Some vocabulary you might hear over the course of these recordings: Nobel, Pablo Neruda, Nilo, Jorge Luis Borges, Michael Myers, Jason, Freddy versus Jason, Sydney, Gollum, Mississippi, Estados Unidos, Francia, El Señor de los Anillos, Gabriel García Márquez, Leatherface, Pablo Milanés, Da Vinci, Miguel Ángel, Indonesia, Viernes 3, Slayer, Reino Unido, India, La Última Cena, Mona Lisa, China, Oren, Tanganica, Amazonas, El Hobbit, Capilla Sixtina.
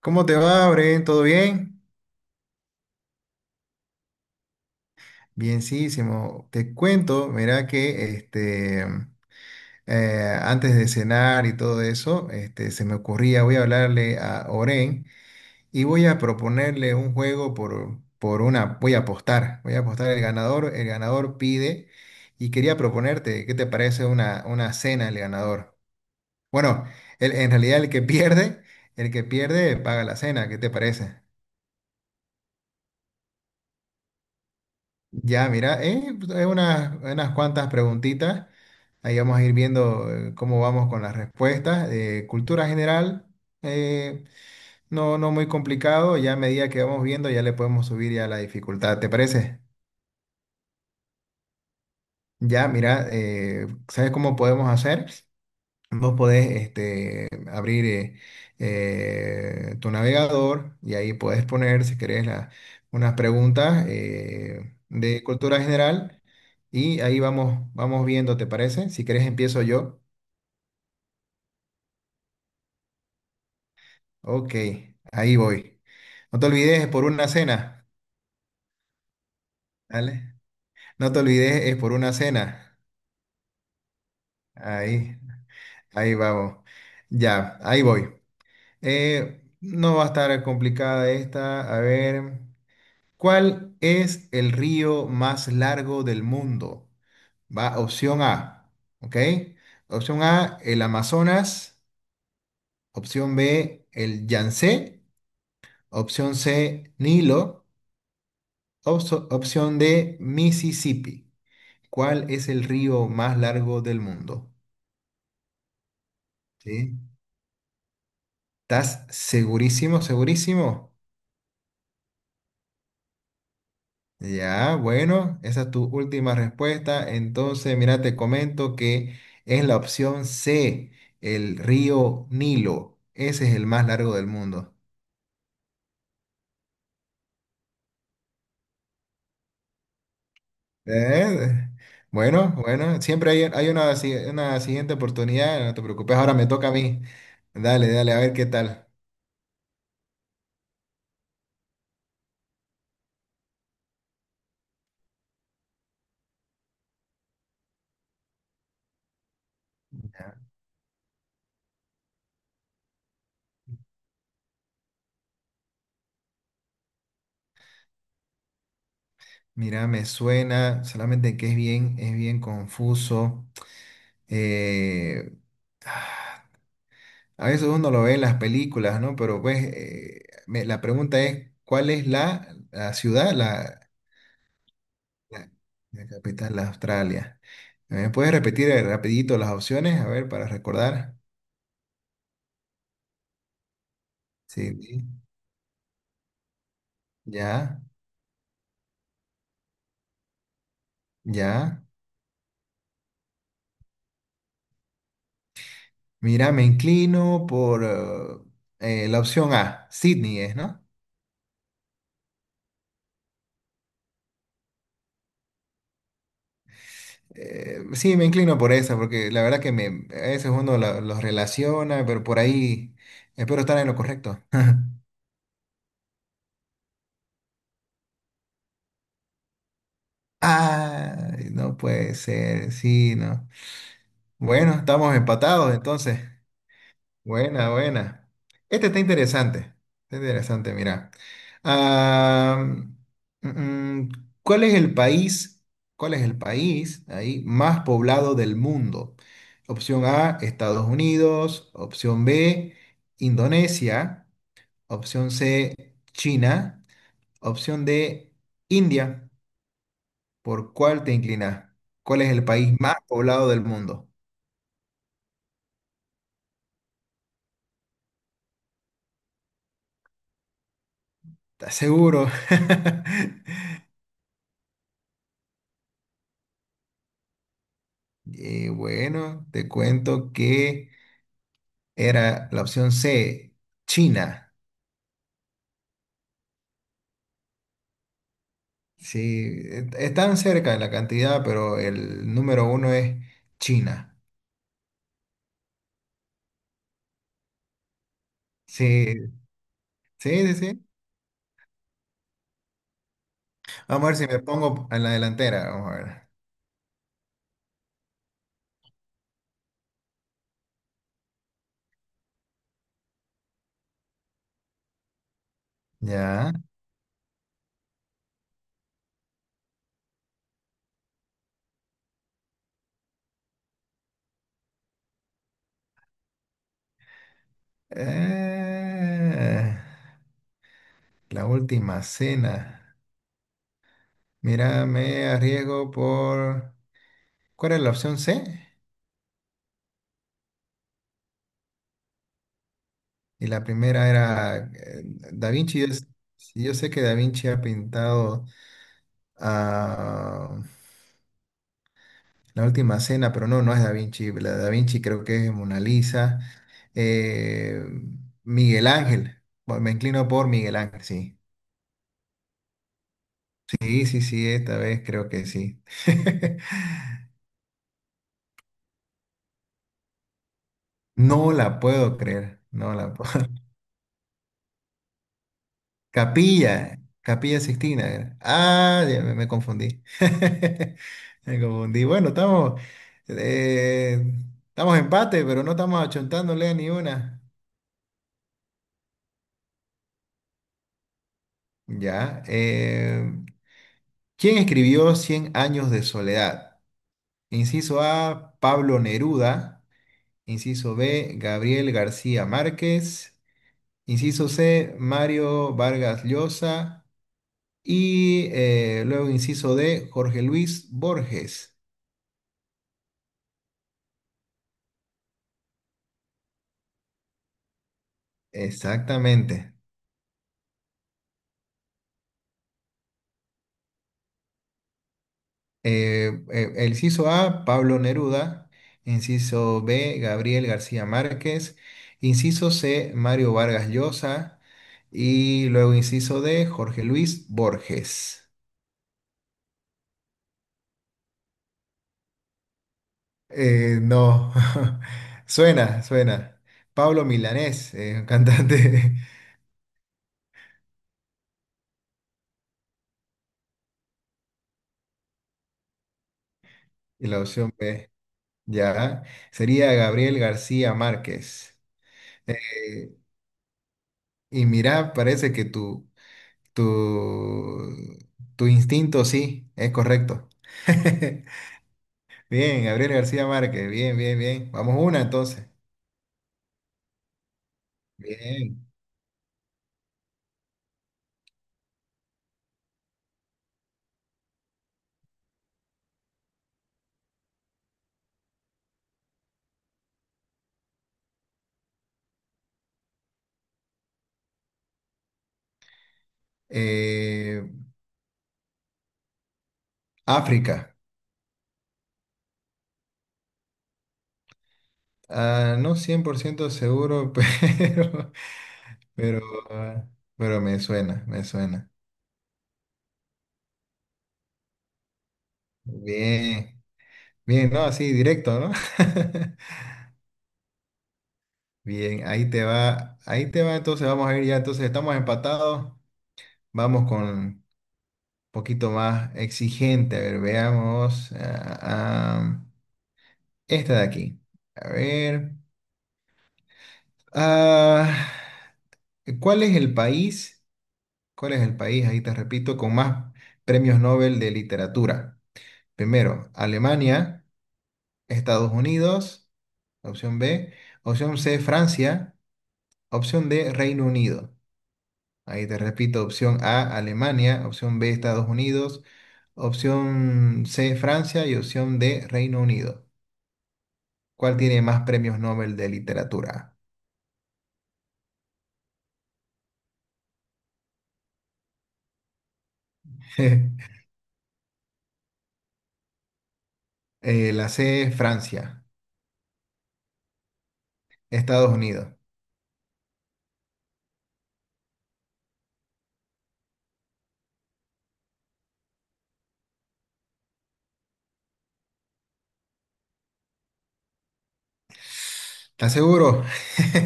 ¿Cómo te va, Bren? ¿Todo bien? Bienísimo. Te cuento, mira que este, antes de cenar y todo eso, este, se me ocurría, voy a hablarle a Oren y voy a proponerle un juego por una, voy a apostar el ganador pide y quería proponerte, ¿qué te parece una cena el ganador? Bueno, en realidad el que pierde paga la cena, ¿qué te parece? Ya, mira, pues, hay unas cuantas preguntitas. Ahí vamos a ir viendo cómo vamos con las respuestas. Cultura general, eh, no muy complicado. Ya a medida que vamos viendo, ya le podemos subir ya la dificultad. ¿Te parece? Ya, mira, ¿sabes cómo podemos hacer? Vos podés este, abrir tu navegador y ahí podés poner, si querés, unas preguntas de cultura general. Y ahí vamos, vamos viendo, ¿te parece? Si querés empiezo yo. Ok, ahí voy. No te olvides, es por una cena. ¿Vale? No te olvides, es por una cena. Ahí, ahí vamos. Ya, ahí voy. No va a estar complicada esta. A ver, ¿cuál es el río más largo del mundo? Va, opción A, ¿ok? Opción A, el Amazonas. Opción B, el Yangtze. Opción C, Nilo. Opción D, Mississippi. ¿Cuál es el río más largo del mundo? ¿Sí? ¿Estás segurísimo, segurísimo? Ya, bueno, esa es tu última respuesta. Entonces, mira, te comento que es la opción C, el río Nilo. Ese es el más largo del mundo. Eh, Bueno bueno, siempre hay una, una siguiente oportunidad, no te preocupes, ahora me toca a mí. Dale, dale, a ver qué tal. Mira, me suena, solamente que es bien confuso. Eh, a veces uno lo ve en las películas, ¿no? Pero pues la pregunta es, ¿cuál es la ciudad, la- la capital de Australia? ¿Me puedes repetir rapidito las opciones? A ver, para recordar. Sí, sí. Ya, ya. Mira, me inclino por la opción A, Sydney es, ¿no? Sí, me inclino por esa, porque la verdad que a veces uno los relaciona, pero por ahí espero estar en lo correcto. Ay, no puede ser, sí, no. Bueno, estamos empatados entonces. Buena, buena. Este está interesante. Está interesante, mira. Ah, mm, mm, ¿cuál es el país, cuál es el país ahí más poblado del mundo? Opción A, Estados Unidos. Opción B, Indonesia. Opción C, China. Opción D, India. ¿Por cuál te inclinas? ¿Cuál es el país más poblado del mundo? ¿Estás seguro? Y bueno, te cuento que era la opción C, China. Sí, están cerca en la cantidad, pero el número uno es China. Sí, sí, sí, sí. Vamos a ver si me pongo en la delantera. Vamos a ver. Ya. Eh, la Última Cena. Mira, me arriesgo por... ¿Cuál era la opción C? Y la primera era Da Vinci. Yo sé que Da Vinci ha pintado a La Última Cena, pero no, no es Da Vinci. La de Da Vinci creo que es Mona Lisa. Eh, Miguel Ángel. Bueno, me inclino por Miguel Ángel, sí. Sí, sí, sí, esta vez creo que sí. No la puedo creer, no la puedo. Capilla Sixtina era. Ah, ya me confundí. Me confundí. Bueno, eh, estamos en empate, pero no estamos achontándole a ni una. Ya. ¿Quién escribió Cien años de soledad? Inciso A, Pablo Neruda. Inciso B, Gabriel García Márquez. Inciso C, Mario Vargas Llosa. Y luego inciso D, Jorge Luis Borges. Exactamente. El inciso A, Pablo Neruda. Inciso B, Gabriel García Márquez. Inciso C, Mario Vargas Llosa. Y luego inciso D, Jorge Luis Borges. No, suena, suena. Pablo Milanés, un cantante. Y la opción B, ya, sería Gabriel García Márquez. Eh, y mira, parece que Tu, tu instinto, sí, es correcto. Bien, Gabriel García Márquez, bien, bien, bien. Vamos una entonces. Bien. Eh, África. Ah, no 100% seguro, pero, ah, pero me suena, me suena. Bien, bien, no, así directo, ¿no? Bien, ahí te va, entonces vamos a ir ya, entonces estamos empatados, vamos con, poquito más exigente. A ver, veamos. Ah, esta de aquí. A ver. ah, ¿cuál es el país? ¿Cuál es el país? Ahí te repito, con más premios Nobel de literatura. Primero, Alemania, Estados Unidos, opción B. Opción C, Francia. Opción D, Reino Unido. Ahí te repito, opción A, Alemania, opción B, Estados Unidos, opción C, Francia y opción D, Reino Unido. ¿Cuál tiene más premios Nobel de literatura? La C, Francia, Estados Unidos. ¿Estás seguro?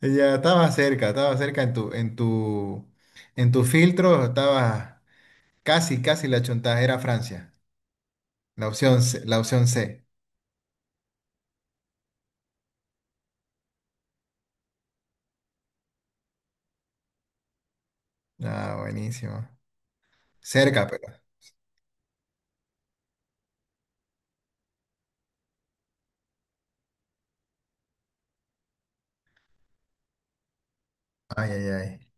Ya estaba cerca en tu filtro, estaba casi, casi la chontaja, era Francia. La opción C. Ah, buenísimo. Cerca, pero. Ay, ay, ay.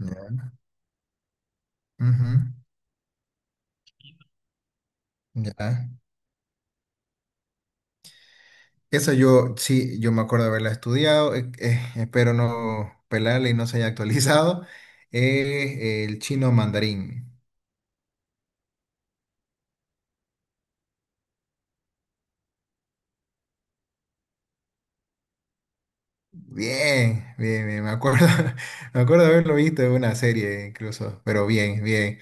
Ya. Ujú, ya. Esa yo, sí, yo me acuerdo de haberla estudiado, espero no pelarla y no se haya actualizado. El chino mandarín. Bien, bien, bien, me acuerdo, me acuerdo de haberlo visto en una serie incluso, pero bien, bien.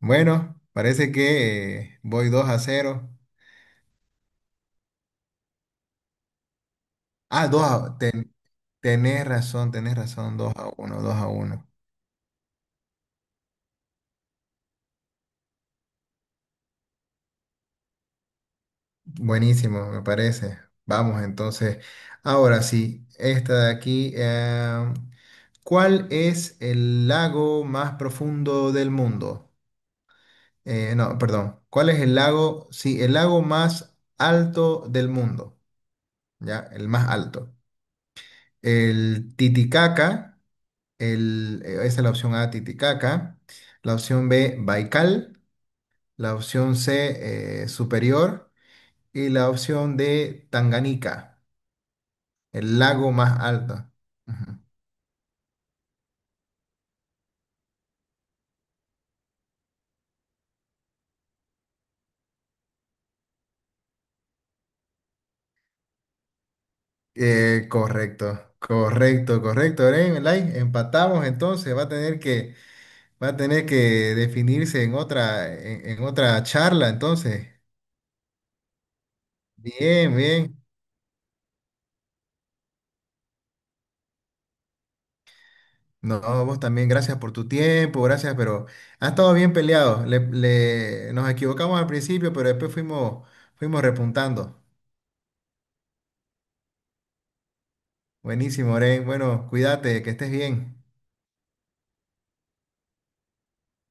Bueno, parece que voy 2-0. Ah, tenés razón, 2-1 2-1. Buenísimo, me parece. Vamos entonces. Ahora sí, esta de aquí. ¿Cuál es el lago más profundo del mundo? No, perdón. ¿Cuál es el lago? Sí, el lago más alto del mundo. Ya, el más alto. El Titicaca. Esa es la opción A, Titicaca. La opción B, Baikal. La opción C, Superior. Y la opción D, Tanganica. El lago más alto. Ujú. Correcto, correcto, correcto. Oren, like, empatamos entonces. Va a tener que definirse en otra charla entonces. Bien, bien. No, vos también, gracias por tu tiempo, gracias, pero ha estado bien peleado. Nos equivocamos al principio, pero después fuimos, repuntando. Buenísimo, Oren. Bueno, cuídate, que estés bien.